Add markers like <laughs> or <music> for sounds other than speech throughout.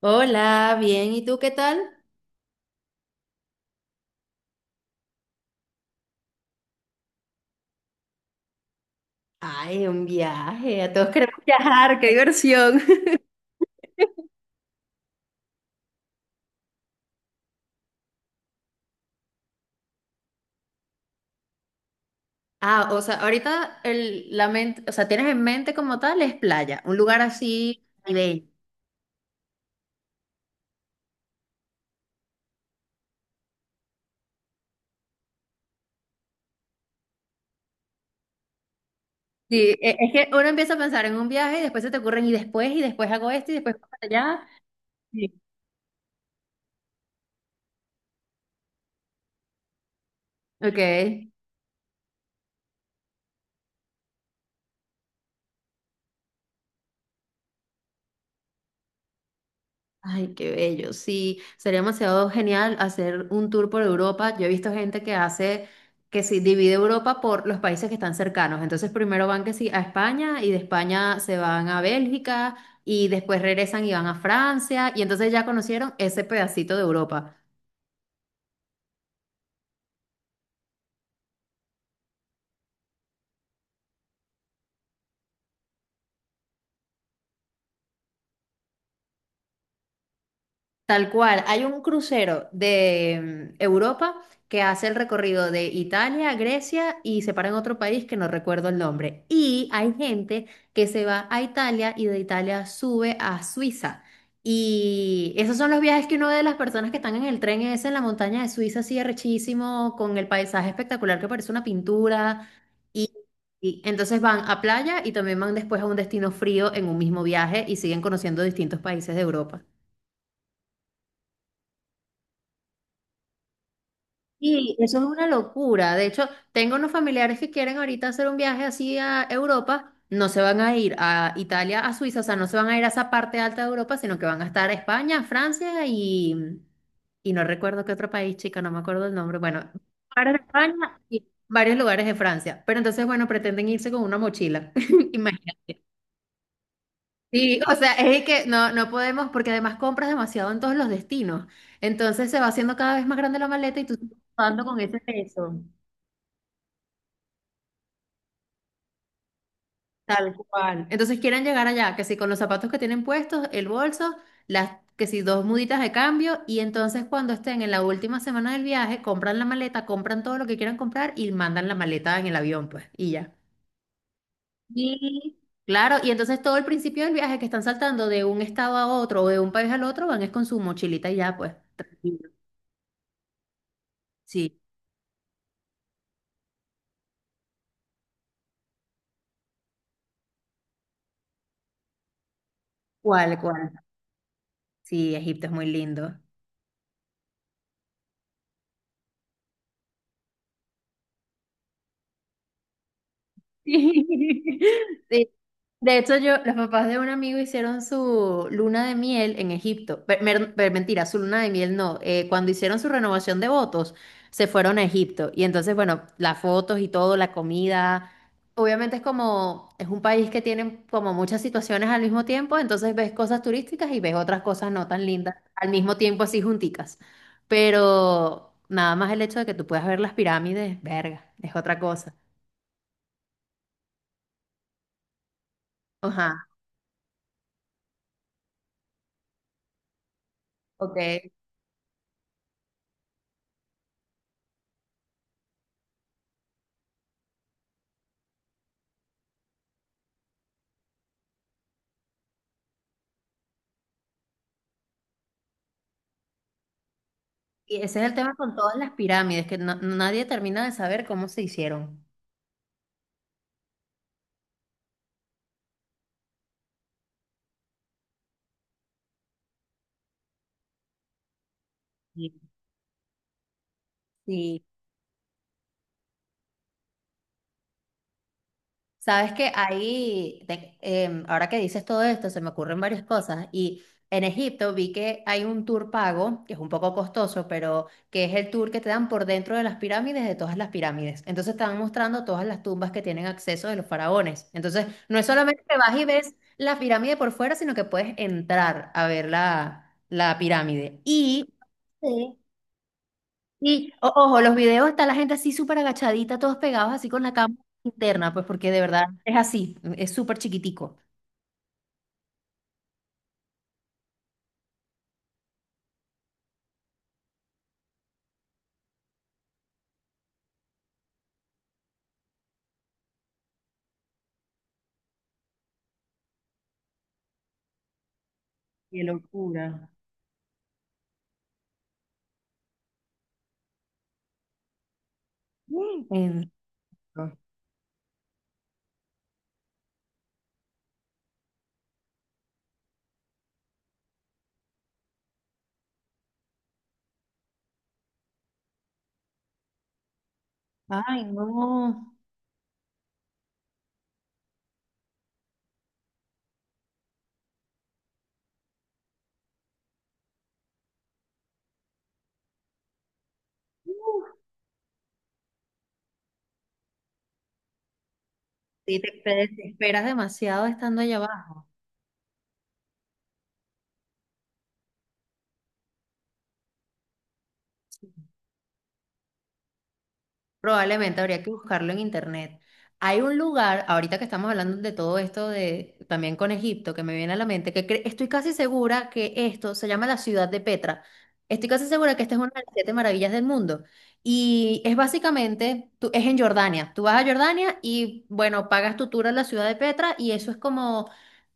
Hola, bien, ¿y tú qué tal? Ay, un viaje, a todos queremos viajar, qué diversión. <laughs> Ah, o sea, ahorita la mente, o sea, tienes en mente como tal es playa, un lugar así caribeño. Sí, es que uno empieza a pensar en un viaje y después se te ocurren y después hago esto y después para allá. Sí. Ok. Ay, qué bello. Sí, sería demasiado genial hacer un tour por Europa. Yo he visto gente que hace, que sí, divide Europa por los países que están cercanos. Entonces primero van que sí a España y de España se van a Bélgica y después regresan y van a Francia y entonces ya conocieron ese pedacito de Europa. Tal cual, hay un crucero de Europa que hace el recorrido de Italia, Grecia y se para en otro país que no recuerdo el nombre. Y hay gente que se va a Italia y de Italia sube a Suiza. Y esos son los viajes que uno ve de las personas que están en el tren ese en la montaña de Suiza, así arrechísimo, con el paisaje espectacular que parece una pintura. Y, y entonces van a playa y también van después a un destino frío en un mismo viaje y siguen conociendo distintos países de Europa. Y eso es una locura. De hecho, tengo unos familiares que quieren ahorita hacer un viaje así a Europa. No se van a ir a Italia, a Suiza, o sea, no se van a ir a esa parte alta de Europa, sino que van a estar a España, Francia y no recuerdo qué otro país, chica, no me acuerdo el nombre. Bueno, para España y varios lugares de Francia. Pero entonces, bueno, pretenden irse con una mochila. <laughs> Imagínate. Sí, o sea, es que no podemos, porque además compras demasiado en todos los destinos. Entonces se va haciendo cada vez más grande la maleta y tú estás dando con ese peso. Tal cual. Entonces quieren llegar allá, que si con los zapatos que tienen puestos, el bolso, las, que si dos muditas de cambio, y entonces cuando estén en la última semana del viaje, compran la maleta, compran todo lo que quieran comprar y mandan la maleta en el avión, pues, y ya. Y claro, y entonces todo el principio del viaje que están saltando de un estado a otro o de un país al otro, van es con su mochilita y ya, pues, tranquilo. Sí, cuál, cuál. Sí, Egipto es muy lindo. <laughs> Sí, de hecho, yo, los papás de un amigo hicieron su luna de miel en Egipto. Mentira, su luna de miel no. Cuando hicieron su renovación de votos, se fueron a Egipto. Y entonces, bueno, las fotos y todo, la comida. Obviamente es como, es un país que tiene como muchas situaciones al mismo tiempo, entonces ves cosas turísticas y ves otras cosas no tan lindas al mismo tiempo así junticas. Pero nada más el hecho de que tú puedas ver las pirámides, verga, es otra cosa. Ajá, ok. Y ese es el tema con todas las pirámides, que nadie termina de saber cómo se hicieron. Y y sabes que ahí, ahora que dices todo esto, se me ocurren varias cosas. Y en Egipto vi que hay un tour pago, que es un poco costoso, pero que es el tour que te dan por dentro de las pirámides, de todas las pirámides. Entonces te van mostrando todas las tumbas que tienen acceso de los faraones. Entonces no es solamente que vas y ves la pirámide por fuera, sino que puedes entrar a ver la pirámide. Y... Sí. Y ojo, los videos está la gente así súper agachadita, todos pegados así con la cámara interna, pues porque de verdad es así, es súper chiquitico. Qué locura. Mm. Ay, no. Uf, sí, te desesperas demasiado estando allá abajo. Probablemente habría que buscarlo en internet. Hay un lugar, ahorita que estamos hablando de todo esto de también con Egipto, que me viene a la mente, que estoy casi segura que esto se llama la ciudad de Petra. Estoy casi segura que esta es una de las siete maravillas del mundo. Y es básicamente, es en Jordania. Tú vas a Jordania y, bueno, pagas tu tour a la ciudad de Petra y eso es como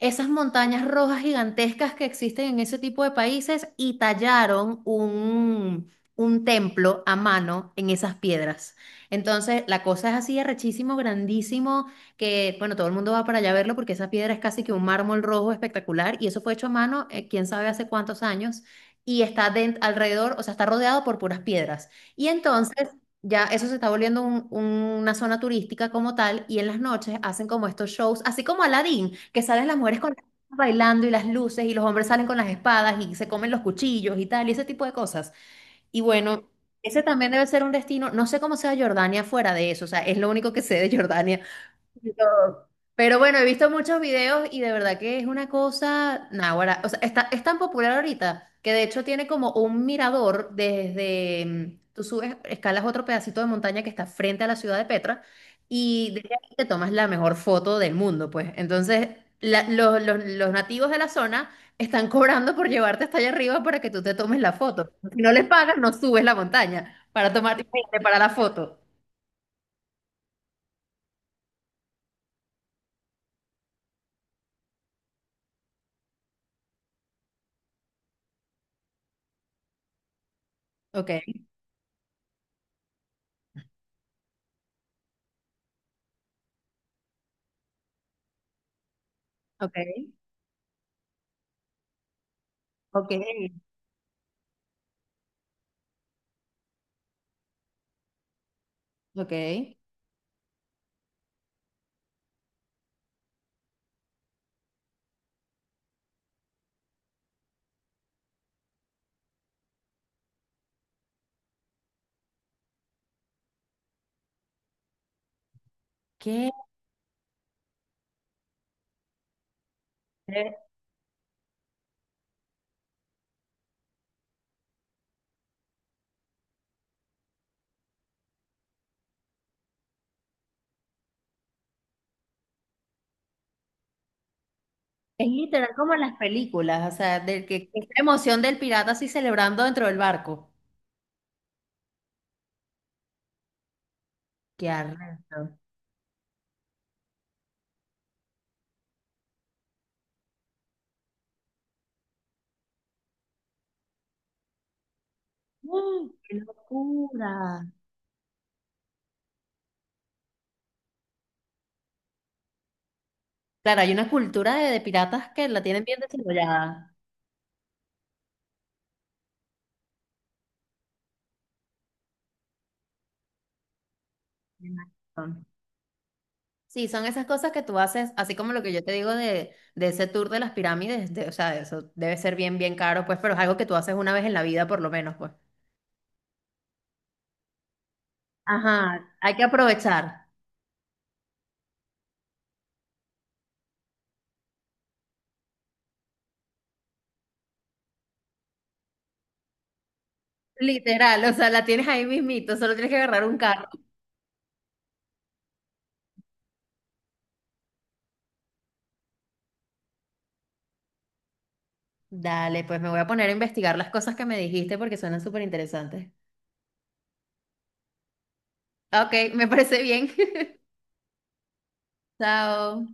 esas montañas rojas gigantescas que existen en ese tipo de países y tallaron un templo a mano en esas piedras. Entonces, la cosa es así, arrechísimo, grandísimo, que, bueno, todo el mundo va para allá a verlo porque esa piedra es casi que un mármol rojo espectacular y eso fue hecho a mano, quién sabe hace cuántos años, y está alrededor, o sea, está rodeado por puras piedras. Y entonces, ya eso se está volviendo una zona turística como tal y en las noches hacen como estos shows, así como Aladdin, que salen las mujeres con bailando y las luces y los hombres salen con las espadas y se comen los cuchillos y tal, y ese tipo de cosas. Y bueno, ese también debe ser un destino, no sé cómo sea Jordania fuera de eso, o sea, es lo único que sé de Jordania, de todo. Pero bueno, he visto muchos videos y de verdad que es una cosa, náguara, o sea, está, es tan popular ahorita que de hecho tiene como un mirador desde, tú subes, escalas otro pedacito de montaña que está frente a la ciudad de Petra y desde ahí te tomas la mejor foto del mundo, pues. Entonces, los nativos de la zona están cobrando por llevarte hasta allá arriba para que tú te tomes la foto. Si no les pagas, no subes la montaña para tomarte para la foto. Ok, ok, ok, ok. ¿Qué? Es literal como en las películas, o sea, de que, esta emoción del pirata así celebrando dentro del barco. ¡Qué arrecho! ¡Uh, qué locura! Claro, hay una cultura de piratas que la tienen bien desarrollada. Tienes razón. Sí, son esas cosas que tú haces, así como lo que yo te digo de ese tour de las pirámides, de- o sea, eso debe ser bien, bien caro, pues, pero es algo que tú haces una vez en la vida, por lo menos, pues. Ajá, hay que aprovechar. Literal, o sea, la tienes ahí mismito, solo tienes que agarrar un carro. Dale, pues me voy a poner a investigar las cosas que me dijiste porque suenan súper interesantes. Ok, me parece bien. <laughs> Chao.